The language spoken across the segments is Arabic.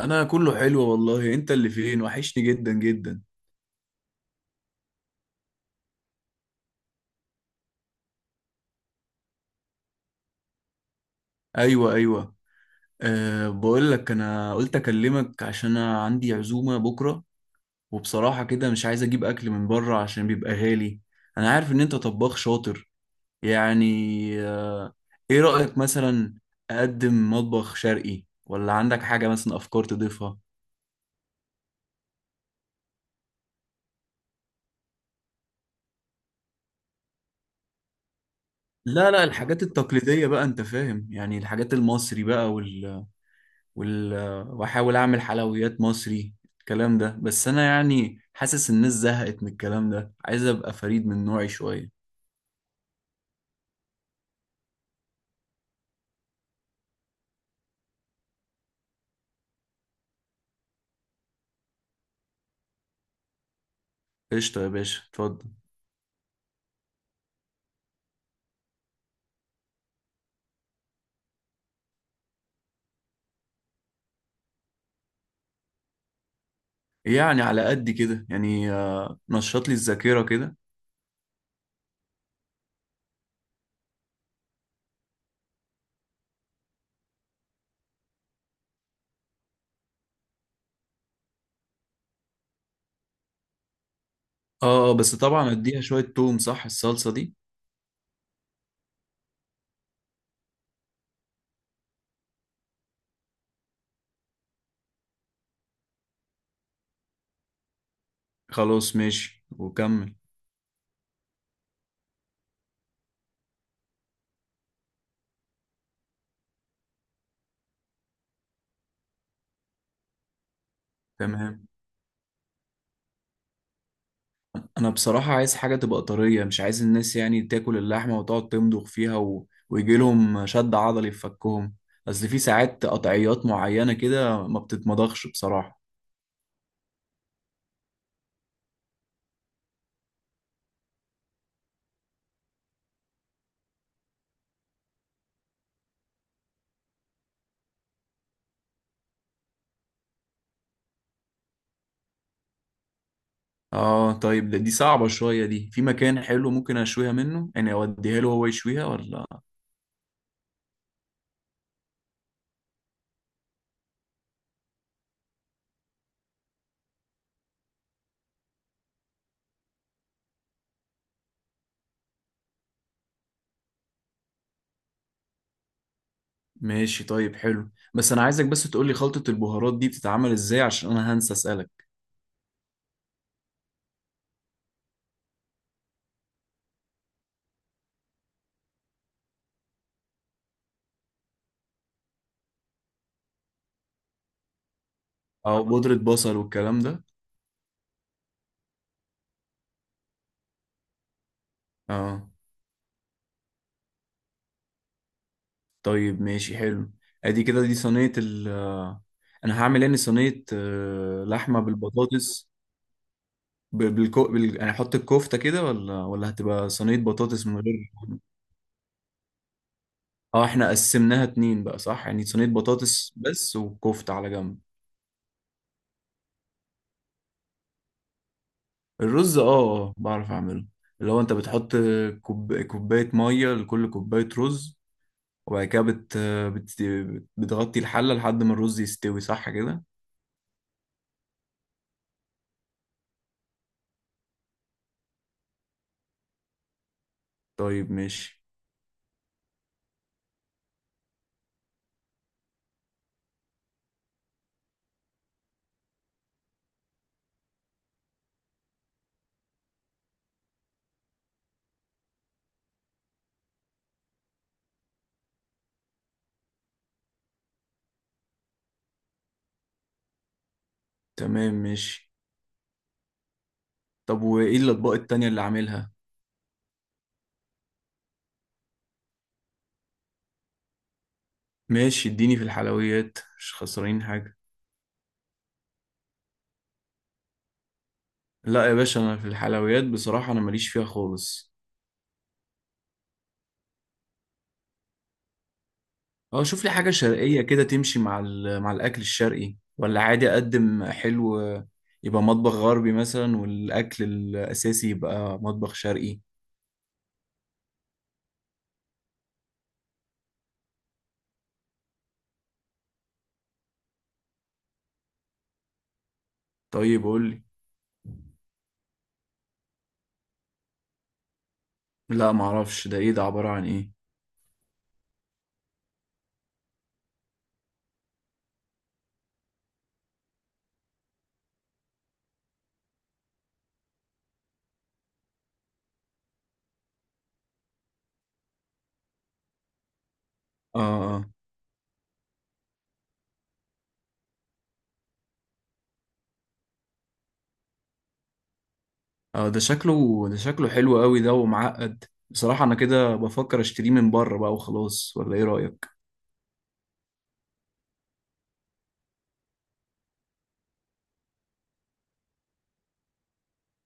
انا كله حلو والله، انت اللي فين؟ وحشني جدا جدا. ايوه، ايوه. بقول لك انا قلت اكلمك عشان انا عندي عزومه بكره، وبصراحه كده مش عايز اجيب اكل من بره عشان بيبقى غالي. انا عارف ان انت طباخ شاطر يعني. أه ايه رايك مثلا، اقدم مطبخ شرقي ولا عندك حاجه مثلا، افكار تضيفها؟ لا لا، الحاجات التقليديه بقى، انت فاهم يعني، الحاجات المصري بقى، وال... واحاول اعمل حلويات مصري، الكلام ده. بس انا يعني حاسس الناس زهقت من الكلام ده، عايز ابقى فريد من نوعي شويه. قشطه يا باشا، اتفضل. يعني على قد كده يعني، نشط لي الذاكره كده. اه، بس طبعا اديها شويه توم، صح الصلصه دي؟ خلاص ماشي، وكمل. تمام. انا بصراحة عايز حاجة تبقى طرية، مش عايز الناس يعني تاكل اللحمة وتقعد تمضغ فيها ويجي لهم شد عضلي في فكهم. اصل في ساعات قطعيات معينة كده ما بتتمضغش بصراحة. اه طيب، دي صعبة شوية، دي في مكان حلو ممكن اشويها منه، يعني اوديها له هو يشويها ولا؟ ماشي طيب حلو، بس انا عايزك بس تقولي خلطة البهارات دي بتتعمل ازاي، عشان انا هنسى اسألك. اه، بودرة بصل والكلام ده. اه طيب، ماشي حلو. ادي كده دي صينية ال آه، انا هعمل يعني صينية لحمة بالبطاطس. يعني احط الكفتة كده ولا هتبقى صينية بطاطس من غير؟ اه، احنا قسمناها اتنين بقى، صح؟ يعني صينية بطاطس بس، وكفتة على جنب. الرز، اه، اه، بعرف اعمله. اللي هو انت بتحط كوباية مية لكل كوباية رز، وبعد كده بت... بتغطي الحلة لحد ما الرز يستوي، صح كده؟ طيب ماشي. تمام ماشي. طب وايه الاطباق التانية اللي عاملها؟ ماشي، اديني في الحلويات، مش خسرانين حاجة. لا يا باشا، انا في الحلويات بصراحة انا ماليش فيها خالص. اه، شوف لي حاجة شرقية كده تمشي مع مع الاكل الشرقي، ولا عادي اقدم حلو يبقى مطبخ غربي مثلا، والاكل الاساسي يبقى مطبخ شرقي؟ طيب قول لي. لا معرفش، ده ايه؟ ده عبارة عن ايه؟ اه، اه، اه، ده شكله حلو قوي ده ومعقد. بصراحة انا كده بفكر اشتريه من بره بقى وخلاص، ولا ايه رأيك؟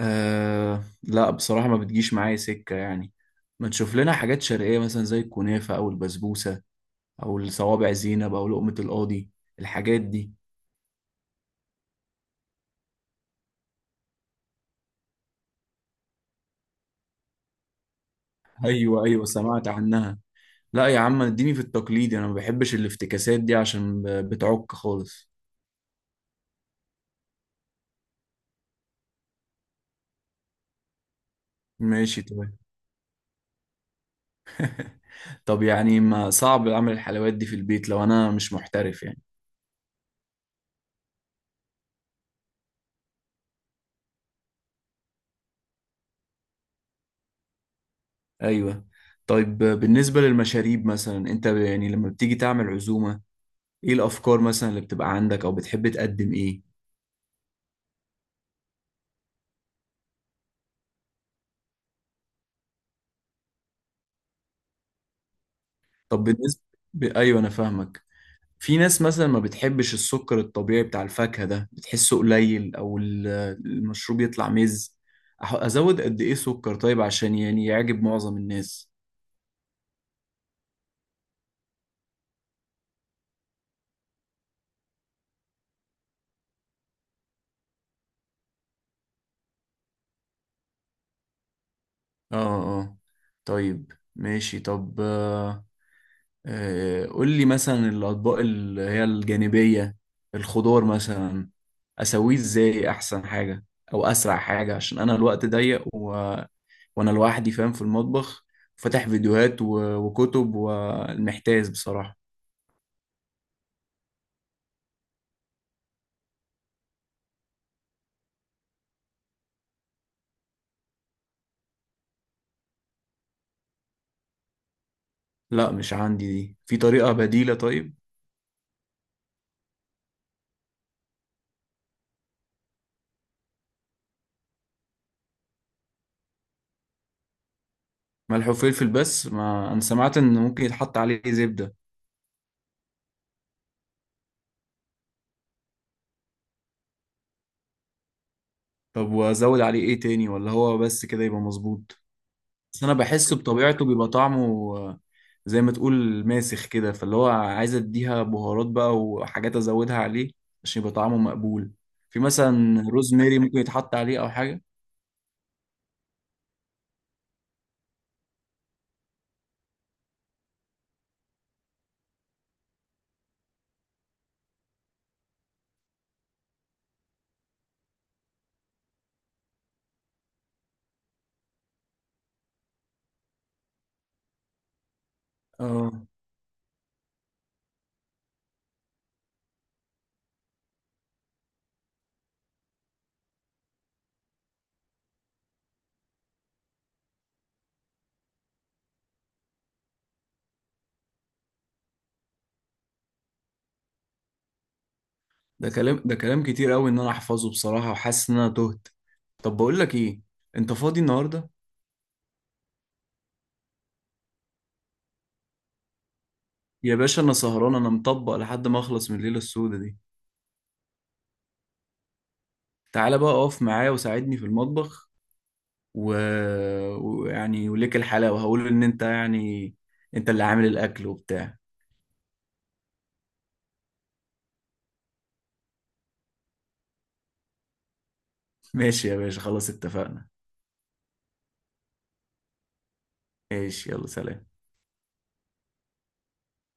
آه لا، بصراحة ما بتجيش معايا سكة يعني. ما تشوف لنا حاجات شرقية مثلا، زي الكنافة أو البسبوسة، أو الصوابع زينب، أو لقمة القاضي، الحاجات دي. أيوة، أيوة، سمعت عنها. لا يا عم، اديني في التقليدي، أنا ما بحبش الافتكاسات دي عشان بتعك خالص. ماشي تمام. طب يعني ما صعب أعمل الحلويات دي في البيت لو أنا مش محترف يعني؟ أيوة. طيب بالنسبة للمشاريب مثلا، أنت يعني لما بتيجي تعمل عزومة، إيه الأفكار مثلا اللي بتبقى عندك، أو بتحب تقدم إيه؟ طب بالنسبة، أيوة أنا فاهمك. في ناس مثلا ما بتحبش السكر الطبيعي بتاع الفاكهة ده، بتحسه قليل، أو المشروب يطلع أزود قد إيه سكر طيب، عشان يعني يعجب معظم الناس؟ آه، آه، طيب ماشي. طب، قول لي مثلا الأطباق اللي هي الجانبية، الخضار مثلا، أسويه إزاي أحسن حاجة؟ أو أسرع حاجة، عشان أنا الوقت ضيق، وانا لوحدي فاهم في المطبخ، فاتح فيديوهات وكتب، والمحتاس بصراحة. لا مش عندي دي، في طريقة بديلة طيب؟ ملح وفلفل بس، ما انا سمعت ان ممكن يتحط عليه زبدة. طب وازود عليه ايه تاني، ولا هو بس كده يبقى مظبوط؟ بس انا بحس بطبيعته بيبقى طعمه زي ما تقول ماسخ كده، فاللي هو عايز اديها بهارات بقى وحاجات ازودها عليه عشان يبقى طعمه مقبول. في مثلا روزماري ممكن يتحط عليه او حاجة. اه، ده كلام كتير قوي ان انا احفظه بصراحة، وحاسس ان انا تهت. طب بقول لك ايه، انت فاضي النهاردة؟ يا باشا، انا سهران، انا مطبق لحد ما اخلص من الليلة السوداء دي. تعالى بقى اقف معايا وساعدني في المطبخ، ويعني، وليك الحلاوة، وهقول ان انت يعني، انت اللي عامل الاكل وبتاع. ماشي يا باشا، خلاص اتفقنا. ماشي يلا، سلام.